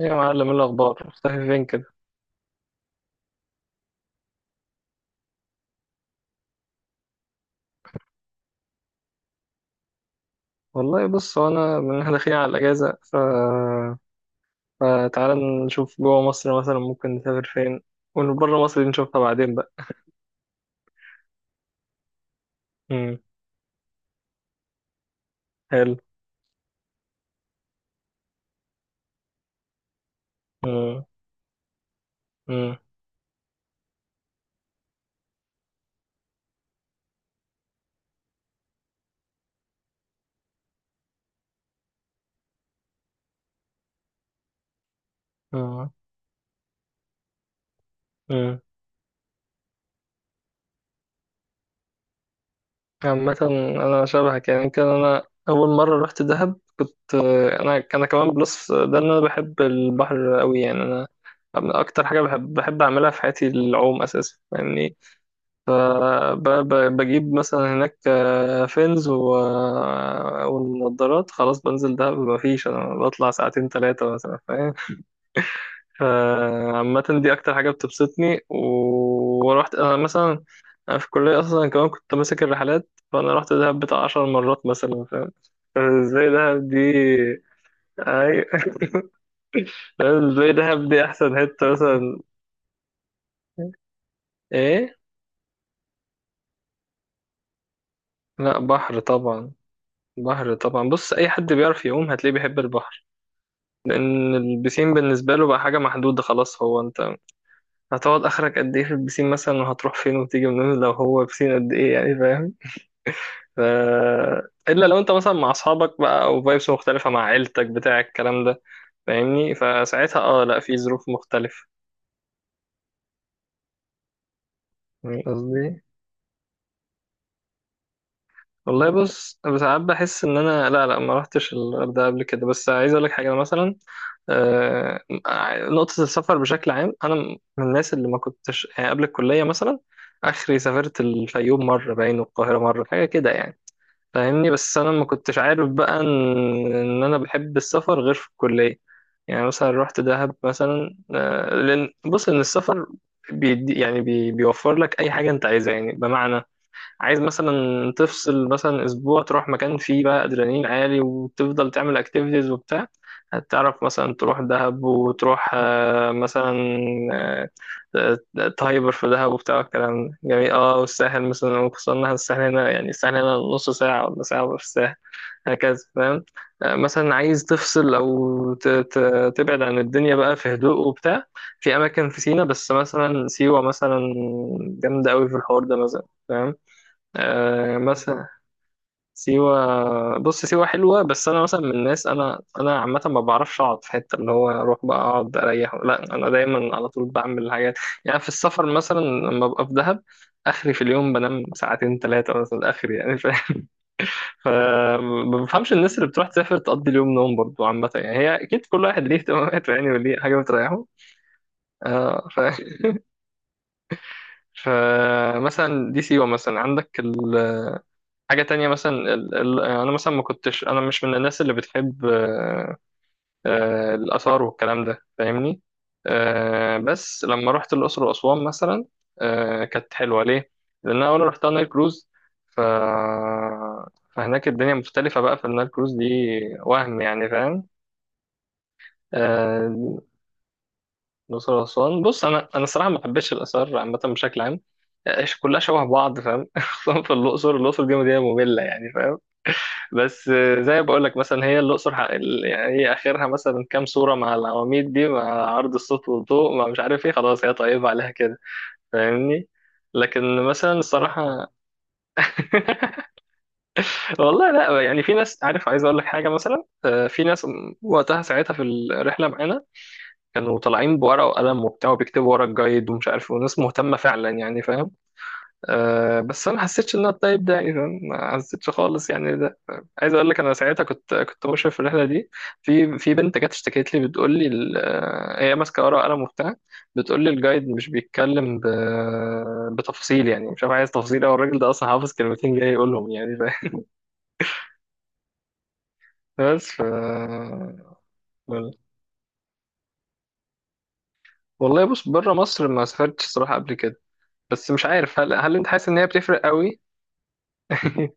ايه يا معلم؟ إيه الاخبار؟ مختفي فين كده؟ والله بص، هو من إحنا داخلين على الاجازه فتعالى نشوف جوه مصر مثلا ممكن نسافر فين، وبره مصر دي نشوفها بعدين بقى. امم. حلو. امم. امم. امم. أمم. عامه انا شبهك، يعني كان انا اول مره رحت دهب، كنت انا كمان بلس ده، ان انا بحب البحر قوي يعني. انا اكتر حاجه بحب اعملها في حياتي، العوم اساسا يعني. فبجيب مثلا هناك فينز والنضارات، خلاص بنزل دهب مفيش، انا بطلع ساعتين ثلاثة مثلا، فاهم؟ فعامة دي اكتر حاجة بتبسطني. ورحت انا مثلا، أنا في الكلية اصلا كمان كنت ماسك الرحلات، فانا رحت دهب بتاع 10 مرات مثلا، فاهم ازاي دهب دي؟ أي... فاهم؟ ازاي دهب دي احسن حتة مثلا. ايه؟ لا بحر طبعا. بحر طبعا. بص، اي حد بيعرف يعوم هتلاقيه بيحب البحر، لان البسين بالنسبه له بقى حاجه محدوده خلاص. هو انت هتقعد اخرك قد ايه في البسين مثلا، وهتروح فين وتيجي منين لو هو بسين قد ايه يعني، فاهم؟ ف... الا لو انت مثلا مع اصحابك بقى، او فايبس مختلفه مع عيلتك بتاع الكلام ده، فاهمني؟ فساعتها اه لا، في ظروف مختلفه. فاهم قصدي؟ والله بص، أنا ساعات بحس ان انا، لا لا، ما رحتش الغردقه قبل كده، بس عايز اقول لك حاجه، أنا مثلا آه، نقطة السفر بشكل عام، أنا من الناس اللي ما كنتش يعني قبل الكلية مثلا، آخري سافرت الفيوم مرة، باين، والقاهرة مرة، حاجة كده يعني، فاهمني؟ بس أنا ما كنتش عارف بقى إن أنا بحب السفر غير في الكلية. يعني مثلا رحت دهب مثلا، لأن بص إن السفر بيدي يعني بيوفر لك أي حاجة أنت عايزها، يعني بمعنى عايز مثلا تفصل مثلا اسبوع، تروح مكان فيه بقى ادرينالين عالي وتفضل تعمل اكتيفيتيز وبتاع، هتعرف مثلا تروح دهب، وتروح مثلا، آه، آه، تهايبر في دهب وبتاع الكلام ده جميل. اه، والساحل مثلا، وخصوصا إن الساحل هنا، يعني الساحل هنا نص ساعة ولا ساعة في الساحل، هكذا فاهم. مثلا عايز تفصل او تبعد عن الدنيا بقى في هدوء وبتاع، في اماكن في سينا، بس مثلا سيوة مثلا جامدة قوي في الحوار ده مثلا، فاهم؟ آه مثلا سيوة، بص سيوة حلوة، بس أنا مثلا من الناس، أنا عامة ما بعرفش أقعد في حتة اللي هو أروح بقى أقعد أريح، لا أنا دايما على طول بعمل حاجات، يعني في السفر مثلا لما ببقى في دهب، آخري في اليوم بنام ساعتين ثلاثة مثلا آخري يعني، فاهم؟ فما بفهمش الناس اللي بتروح تسافر تقضي اليوم نوم، برضه عامة يعني هي أكيد كل واحد ليه اهتماماته يعني، وليه حاجة بتريحه. آه فمثلا دي سيوة مثلا، عندك حاجة تانية مثلا، أنا مثلا ما كنتش أنا مش من الناس اللي بتحب الآثار والكلام ده، فاهمني؟ بس لما رحت الأقصر وأسوان مثلا، كانت حلوة ليه؟ لأن أنا أول رحتها نايل كروز، ف... فهناك الدنيا مختلفة بقى في النايل كروز دي، وهم يعني فاهم. آه، الأقصر وأسوان، بص أنا الصراحة ما بحبش الآثار عامة بشكل عام، كلها شبه بعض، فاهم؟ خصوصا في الأقصر، الأقصر دي مدينة مملة يعني فاهم. بس زي ما بقول لك مثلا، هي الاقصر يعني هي اخرها مثلا كام صوره مع العواميد دي، مع عرض الصوت والضوء، ما مش عارف ايه، خلاص هي طيبه عليها كده، فاهمني؟ لكن مثلا الصراحه، والله لا يعني في ناس، عارف عايز اقول لك حاجه مثلا، في ناس وقتها ساعتها في الرحله معانا كانوا طالعين بورقه وقلم وبتاع وبيكتبوا ورا الجايد ومش عارف، وناس مهتمه فعلا يعني فاهم. أه بس انا ما حسيتش ان انا الطيب ده، اذا ما حسيتش خالص يعني ده. عايز اقول لك انا ساعتها كنت مشرف في الرحله دي، في بنت جت اشتكت لي بتقول لي هي ماسكه ورقه وقلم وبتاع، بتقول لي الجايد مش بيتكلم بتفاصيل، يعني مش عارف عايز تفاصيل، او الراجل ده اصلا حافظ كلمتين جاي يقولهم يعني بس والله بص، بره مصر ما سافرتش صراحه قبل كده، بس مش عارف هل انت حاسس ان هي بتفرق قوي؟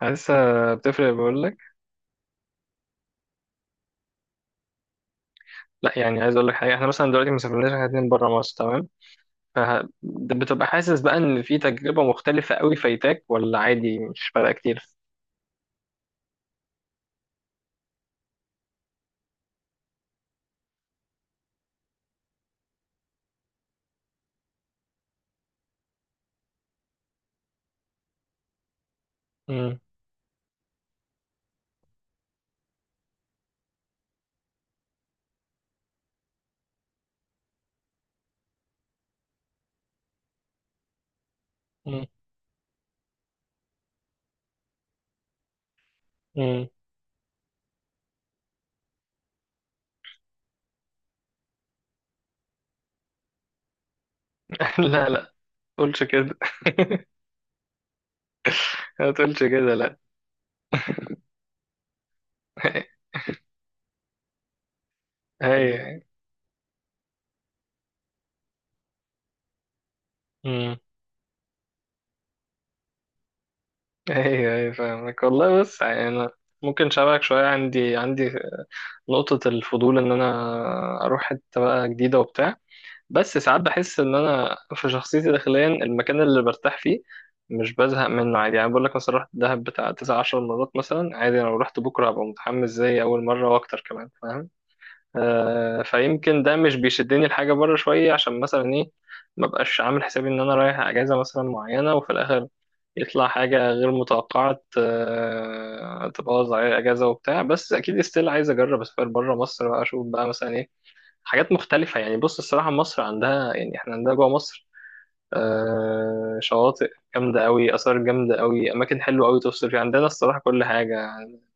حاسسها بتفرق بقول. لا يعني عايز اقول لك حاجه، احنا مثلا دلوقتي ما سافرناش احنا اتنين بره مصر، تمام؟ فبتبقى حاسس بقى ان في تجربه مختلفه قوي فايتاك، ولا عادي مش فارقه كتير؟ مم. مم. مم. لا لا، تقولش كده. ما تقولش كده لا. ايوه. امم. ايوه. ايوه فاهمك. والله بس يعني انا ممكن شبهك شويه، عندي نقطه الفضول ان انا اروح حته بقى جديده وبتاع، بس ساعات بحس ان انا في شخصيتي داخليا المكان اللي برتاح فيه مش بزهق منه عادي، يعني بقول لك مثلا رحت دهب بتاع 19 مرات مثلا، عادي لو رحت بكره هبقى متحمس زي اول مره واكتر كمان فاهم. آه، فيمكن ده مش بيشدني الحاجه بره شويه، عشان مثلا ايه؟ ما بقاش عامل حسابي ان انا رايح اجازه مثلا معينه وفي الاخر يطلع حاجه غير متوقعه آه تبوظ عليا الاجازه وبتاع. بس اكيد ستيل عايز اجرب اسافر بره مصر بقى، اشوف بقى مثلا إيه حاجات مختلفة يعني. بص الصراحة مصر عندها، يعني احنا عندنا جوه مصر آه شواطئ جامدة قوي، آثار جامدة قوي، أماكن حلوة قوي تفصل فيها، عندنا الصراحة كل حاجة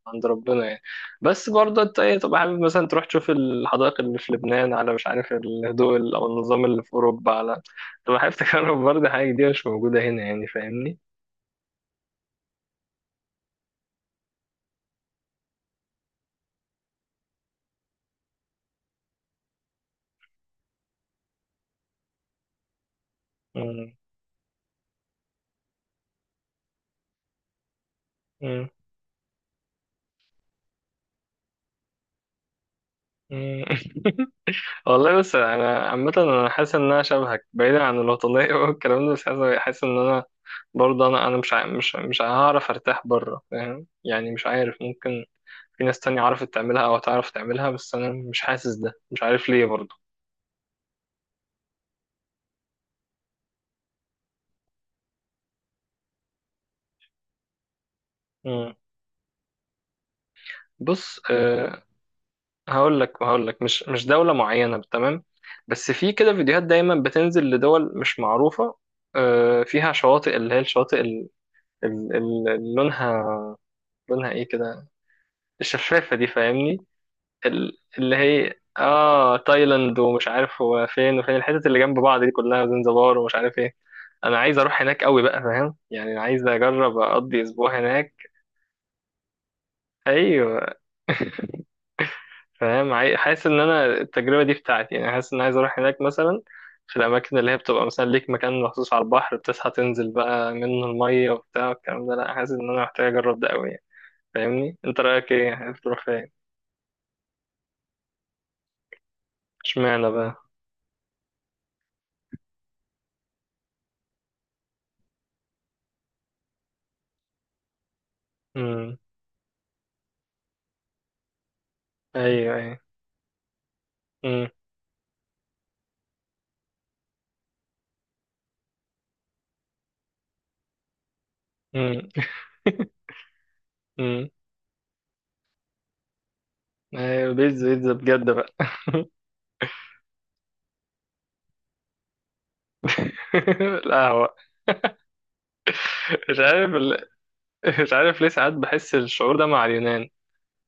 عند ربنا يعني. بس برضه أنت إيه، تبقى حابب مثلا تروح تشوف الحدائق اللي في لبنان، على مش عارف الهدوء أو النظام اللي في أوروبا، على تبقى حابب تجرب برضه حاجة جديدة مش موجودة هنا يعني، فاهمني؟ مم. مم. مم. والله بس انا عامه، انا حاسس ان انا شبهك بعيدا عن الوطنيه والكلام ده، بس حاسس ان انا برضه انا انا مش ع- مش مش هعرف ارتاح بره فاهم، يعني مش عارف، ممكن في ناس تانية عرفت تعملها او تعرف تعملها، بس انا مش حاسس، ده مش عارف ليه برضه. مم. بص أه، هقول لك مش دوله معينه تمام، بس في كده فيديوهات دايما بتنزل لدول مش معروفه أه، فيها شواطئ، اللي هي الشواطئ اللي لونها لونها ايه كده، الشفافه دي، فاهمني؟ اللي هي اه تايلاند ومش عارف هو فين، وفين الحتت اللي جنب بعض دي كلها، زنزبار ومش عارف ايه. انا عايز اروح هناك قوي بقى فاهم يعني، عايز اجرب اقضي اسبوع هناك. ايوه فاهم. حاسس ان انا التجربه دي بتاعتي يعني، حاسس ان عايز اروح هناك مثلا، في الاماكن اللي هي بتبقى مثلا ليك مكان مخصوص على البحر بتصحى تنزل بقى منه الميه وبتاع الكلام ده، لا حاسس ان انا محتاج اجرب ده قوي يعني. فاهمني؟ انت رايك ايه؟ عايز تروح فين؟ اشمعنى بقى؟ امم. ايوه. ايوه. امم. امم. ايوه، بيتزا بيتزا بجد بقى. القهوة. مش عارف ال... مش عارف ليه ساعات بحس الشعور ده مع اليونان،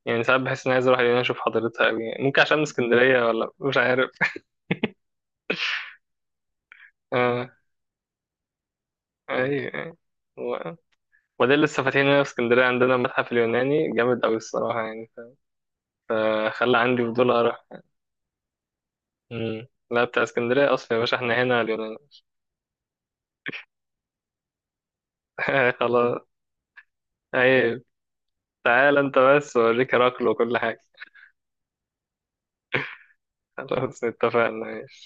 يعني ساعات بحس اني عايز اروح اليونان، اشوف حضارتها أوي يعني، ممكن عشان من اسكندرية، ولا مش عارف. اه. ايوه. أيوة. و- وده اللي لسه فاتحين هنا في اسكندرية عندنا، متحف اليوناني جامد أوي الصراحة يعني، فخلى عندي فضول أروح. مم. لا بتاع اسكندرية أصلا يا باشا، احنا هنا اليونان. خلاص. أيوة. تعال أنت بس أوريك هراكل وكل حاجة. خلاص اتفقنا، ماشي.